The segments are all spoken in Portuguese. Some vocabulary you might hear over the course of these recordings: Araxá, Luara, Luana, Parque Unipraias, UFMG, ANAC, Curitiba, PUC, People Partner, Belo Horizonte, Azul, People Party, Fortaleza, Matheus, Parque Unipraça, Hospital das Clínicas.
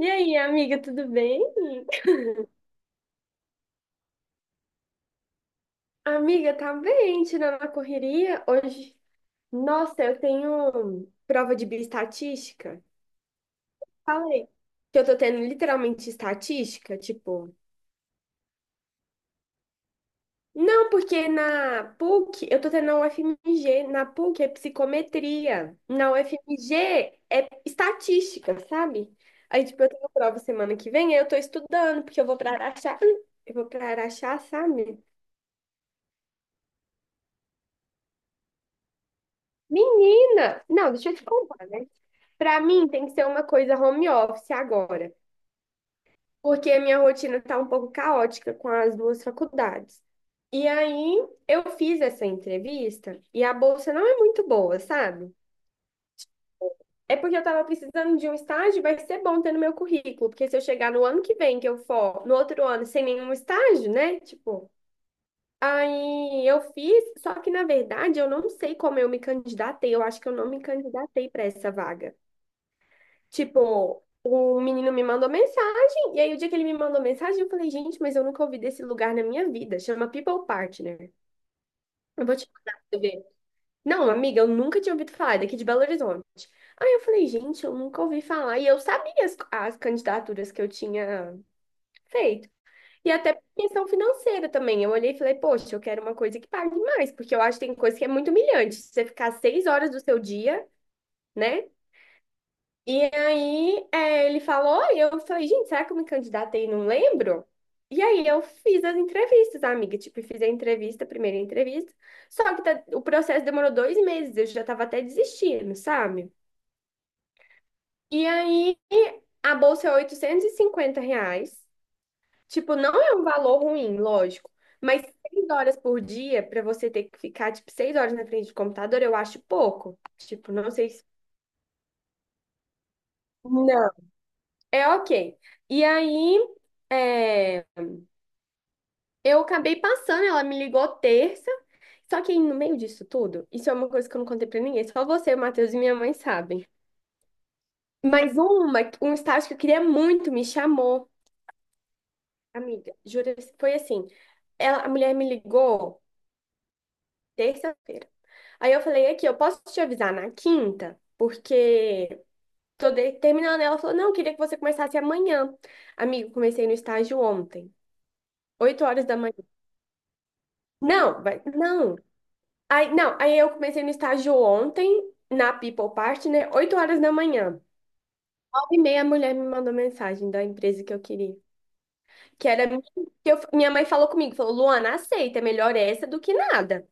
E aí, amiga, tudo bem? Amiga, tá bem, tirando a correria hoje. Nossa, eu tenho prova de bioestatística. Falei. Que eu tô tendo literalmente estatística, tipo. Não, porque na PUC eu tô tendo, na UFMG, na PUC é psicometria, na UFMG é estatística, sabe? Aí, tipo, eu tenho prova semana que vem, aí eu tô estudando, porque eu vou pra Araxá, eu vou pra Araxá, sabe? Menina! Não, deixa eu te contar, né? Pra mim tem que ser uma coisa home office agora, porque a minha rotina tá um pouco caótica com as duas faculdades. E aí eu fiz essa entrevista e a bolsa não é muito boa, sabe? É porque eu tava precisando de um estágio, vai ser bom ter no meu currículo, porque se eu chegar no ano que vem que eu for, no outro ano sem nenhum estágio, né? Tipo, aí eu fiz, só que na verdade eu não sei como eu me candidatei, eu acho que eu não me candidatei pra essa vaga. Tipo, o menino me mandou mensagem, e aí o dia que ele me mandou mensagem, eu falei, gente, mas eu nunca ouvi desse lugar na minha vida. Chama People Partner. Eu vou te mandar pra você ver. Não, amiga, eu nunca tinha ouvido falar, é daqui de Belo Horizonte. Aí eu falei, gente, eu nunca ouvi falar. E eu sabia as candidaturas que eu tinha feito. E até por questão financeira também. Eu olhei e falei, poxa, eu quero uma coisa que pague mais, porque eu acho que tem coisa que é muito humilhante. Você ficar 6 horas do seu dia, né? E aí, ele falou, e eu falei, gente, será que eu me candidatei e não lembro? E aí eu fiz as entrevistas, amiga. Tipo, fiz a entrevista, a primeira entrevista. O processo demorou 2 meses, eu já tava até desistindo, sabe? E aí a bolsa é R$850. Tipo, não é um valor ruim, lógico. Mas 6 horas por dia, pra você ter que ficar, tipo, 6 horas na frente do computador, eu acho pouco. Tipo, não sei se. Não. É ok. E aí. É Eu acabei passando, ela me ligou terça. Só que aí, no meio disso tudo, isso é uma coisa que eu não contei pra ninguém, só você, o Matheus e minha mãe sabem. Mas um estágio que eu queria muito me chamou, amiga. Jura, foi assim. A mulher me ligou terça-feira. Aí eu falei aqui, eu posso te avisar na quinta, porque terminando. Ela falou, não, eu queria que você começasse amanhã. Amigo, comecei no estágio ontem, 8 horas da manhã. Não, vai, não. Aí, não, aí eu comecei no estágio ontem, na People Party, né? 8 horas da manhã. 9 e meia a mulher me mandou mensagem da empresa que eu queria. Que era minha- que eu- Minha mãe falou comigo, falou, Luana, aceita, é melhor essa do que nada.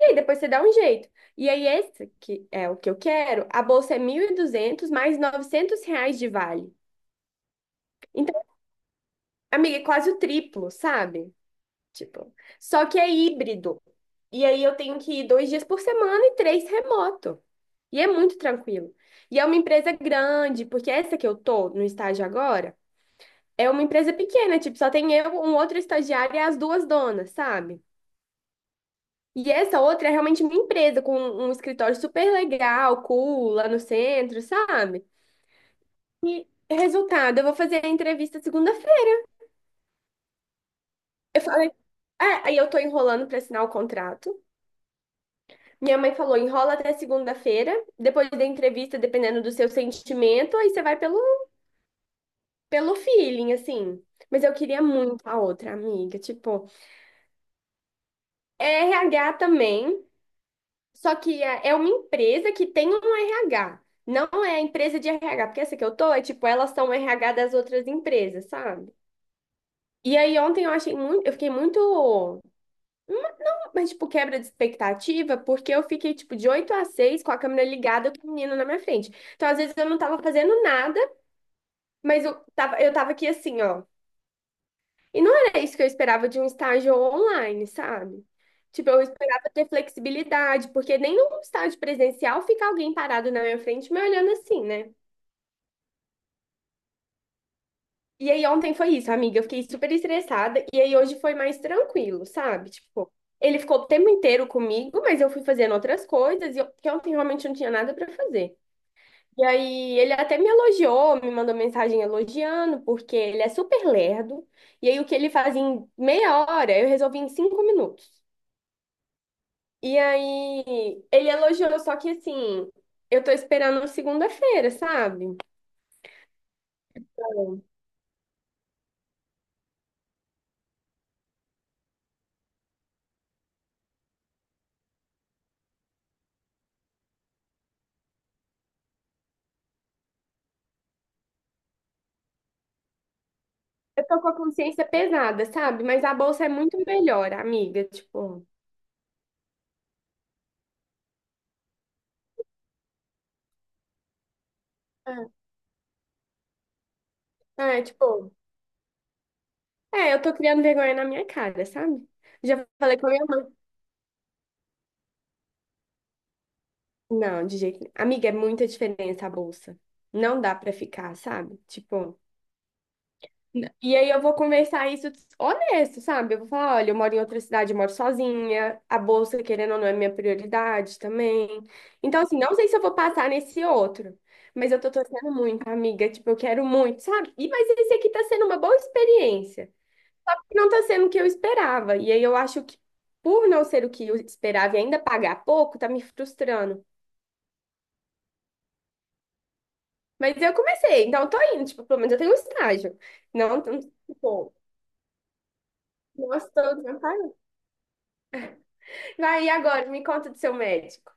E aí depois você dá um jeito. E aí esse que é o que eu quero, a bolsa é 1.200 mais R$900 de vale. Então, amiga, é quase o triplo, sabe? Tipo, só que é híbrido. E aí eu tenho que ir 2 dias por semana e três remoto. E é muito tranquilo. E é uma empresa grande, porque essa que eu tô no estágio agora é uma empresa pequena, tipo, só tem eu, um outro estagiário e as duas donas, sabe? E essa outra é realmente uma empresa com um escritório super legal, cool, lá no centro, sabe? E resultado, eu vou fazer a entrevista segunda-feira. Eu falei, aí eu tô enrolando pra assinar o contrato. Minha mãe falou, enrola até segunda-feira, depois da entrevista, dependendo do seu sentimento, aí você vai pelo feeling, assim. Mas eu queria muito a outra amiga, tipo, é RH também, só que é uma empresa que tem um RH, não é empresa de RH, porque essa que eu tô é tipo, elas são RH das outras empresas, sabe? E aí ontem eu achei muito, eu fiquei muito. Mas, tipo, quebra de expectativa, porque eu fiquei, tipo, de 8 a 6 com a câmera ligada com o menino na minha frente. Então, às vezes, eu não tava fazendo nada, mas eu tava aqui assim, ó. E não era isso que eu esperava de um estágio online, sabe? Tipo, eu esperava ter flexibilidade, porque nem num estágio presencial fica alguém parado na minha frente me olhando assim, né? E aí ontem foi isso, amiga. Eu fiquei super estressada. E aí hoje foi mais tranquilo, sabe? Tipo, ele ficou o tempo inteiro comigo, mas eu fui fazendo outras coisas. E eu, porque ontem realmente não tinha nada pra fazer. E aí ele até me elogiou, me mandou mensagem elogiando, porque ele é super lerdo. E aí o que ele fazia em meia hora, eu resolvi em 5 minutos. E aí ele elogiou, só que assim, eu tô esperando segunda-feira, sabe? Eu tô com a consciência pesada, sabe? Mas a bolsa é muito melhor, amiga. Tipo, é, é, tipo, eu tô criando vergonha na minha cara, sabe? Já falei com a minha mãe. Não, de jeito nenhum. Amiga, é muita diferença a bolsa. Não dá pra ficar, sabe? Tipo. E aí eu vou conversar isso honesto, sabe? Eu vou falar, olha, eu moro em outra cidade, eu moro sozinha, a bolsa, querendo ou não, é minha prioridade também. Então, assim, não sei se eu vou passar nesse outro, mas eu tô torcendo muito, amiga, tipo, eu quero muito, sabe? E mas esse aqui tá sendo uma boa experiência. Não tá sendo o que eu esperava. E aí eu acho que por não ser o que eu esperava e ainda pagar pouco, tá me frustrando. Mas eu comecei, então eu tô indo, tipo, pelo menos eu tenho um estágio. Não, não, tipo, não estou Vai, e agora? Me conta do seu médico.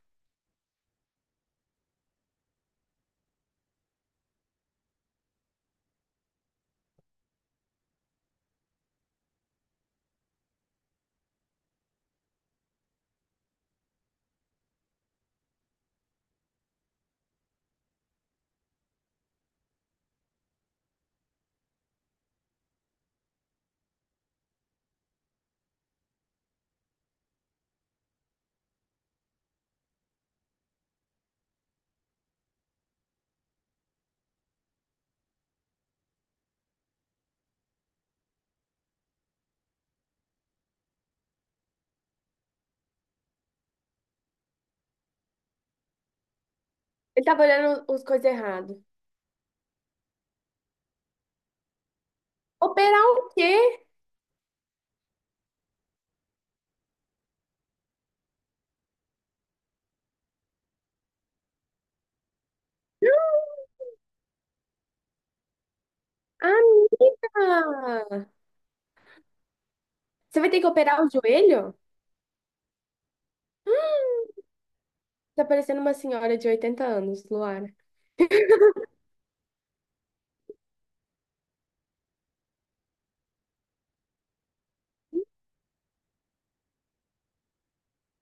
Ele tava olhando os coisas errado. Operar o quê? Amiga! Você vai ter que operar o joelho? Hum, Tá parecendo uma senhora de 80 anos, Luara.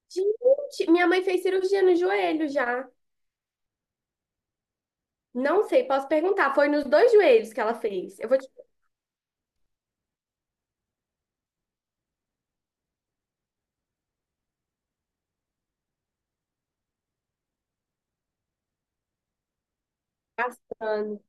Gente, minha mãe fez cirurgia no joelho já. Não sei, posso perguntar. Foi nos dois joelhos que ela fez. Eu vou te gastando.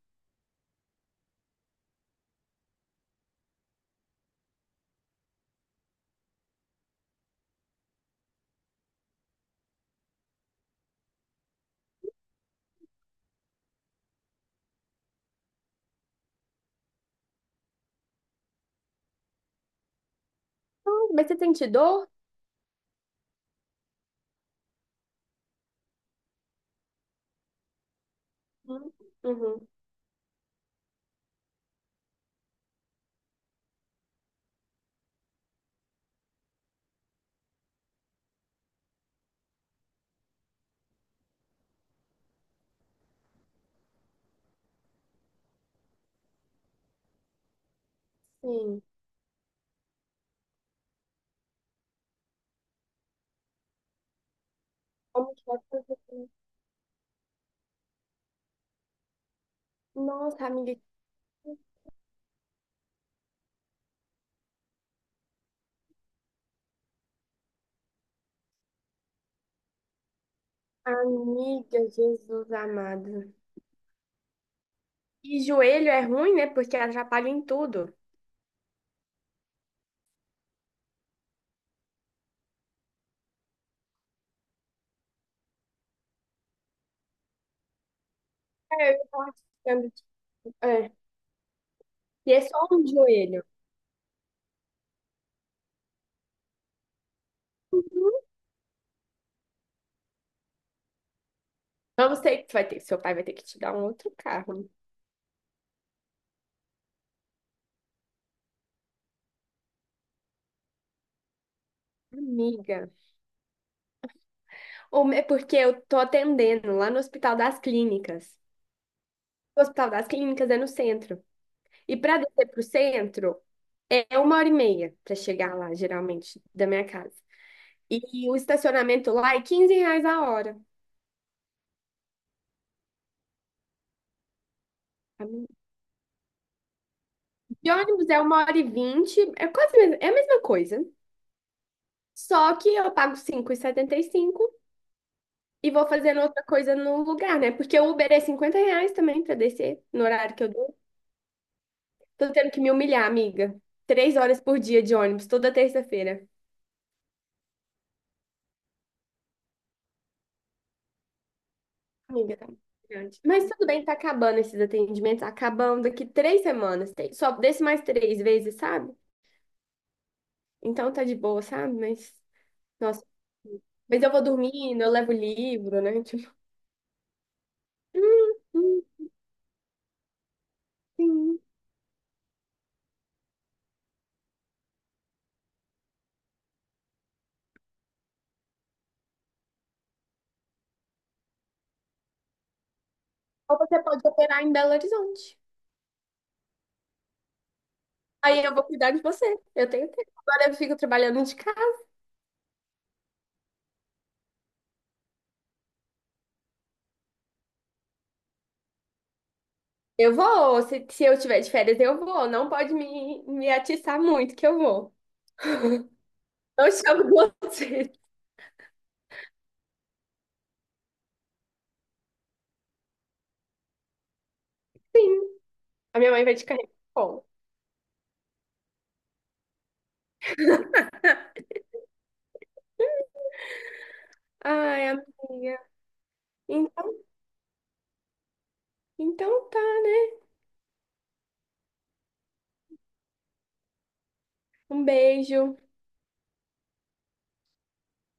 Ah, mas você sente dor? Uhum. Uhum. Sim. Como que vai fazer? Nossa, amiga. Amiga, Jesus amado. E joelho é ruim, né? Porque atrapalha em tudo. É, eu tava pensando, tipo, é. E é só um joelho. Vamos ter que vai ter, seu pai vai ter que te dar um outro carro. Amiga. Ou é porque eu tô atendendo lá no Hospital das Clínicas. O Hospital das Clínicas é no centro. E para descer pro centro é 1 hora e meia para chegar lá, geralmente, da minha casa. E o estacionamento lá é R$15 a hora. De ônibus é 1 hora e 20, é quase é a mesma coisa. Só que eu pago cinco e setenta e cinco e vou fazendo outra coisa no lugar, né? Porque o Uber é R$50 também pra descer no horário que eu dou. Tô tendo que me humilhar, amiga. 3 horas por dia de ônibus, toda terça-feira. Amiga, tá muito grande. Mas tudo bem, tá acabando esses atendimentos. Tá acabando daqui 3 semanas. Só desce mais 3 vezes, sabe? Então tá de boa, sabe? Mas, nossa. Mas eu vou dormindo, eu levo livro, né? Tipo, hum, hum, sim. Ou você pode operar em Belo Horizonte. Aí eu vou cuidar de você. Eu tenho tempo. Agora eu fico trabalhando de casa. Eu vou. Se eu tiver de férias, eu vou. Não pode me atiçar muito, que eu vou. Eu chamo você. Sim. A minha mãe vai te carregar. Bom. Ai, amiga. Então, então tá, né? Um beijo.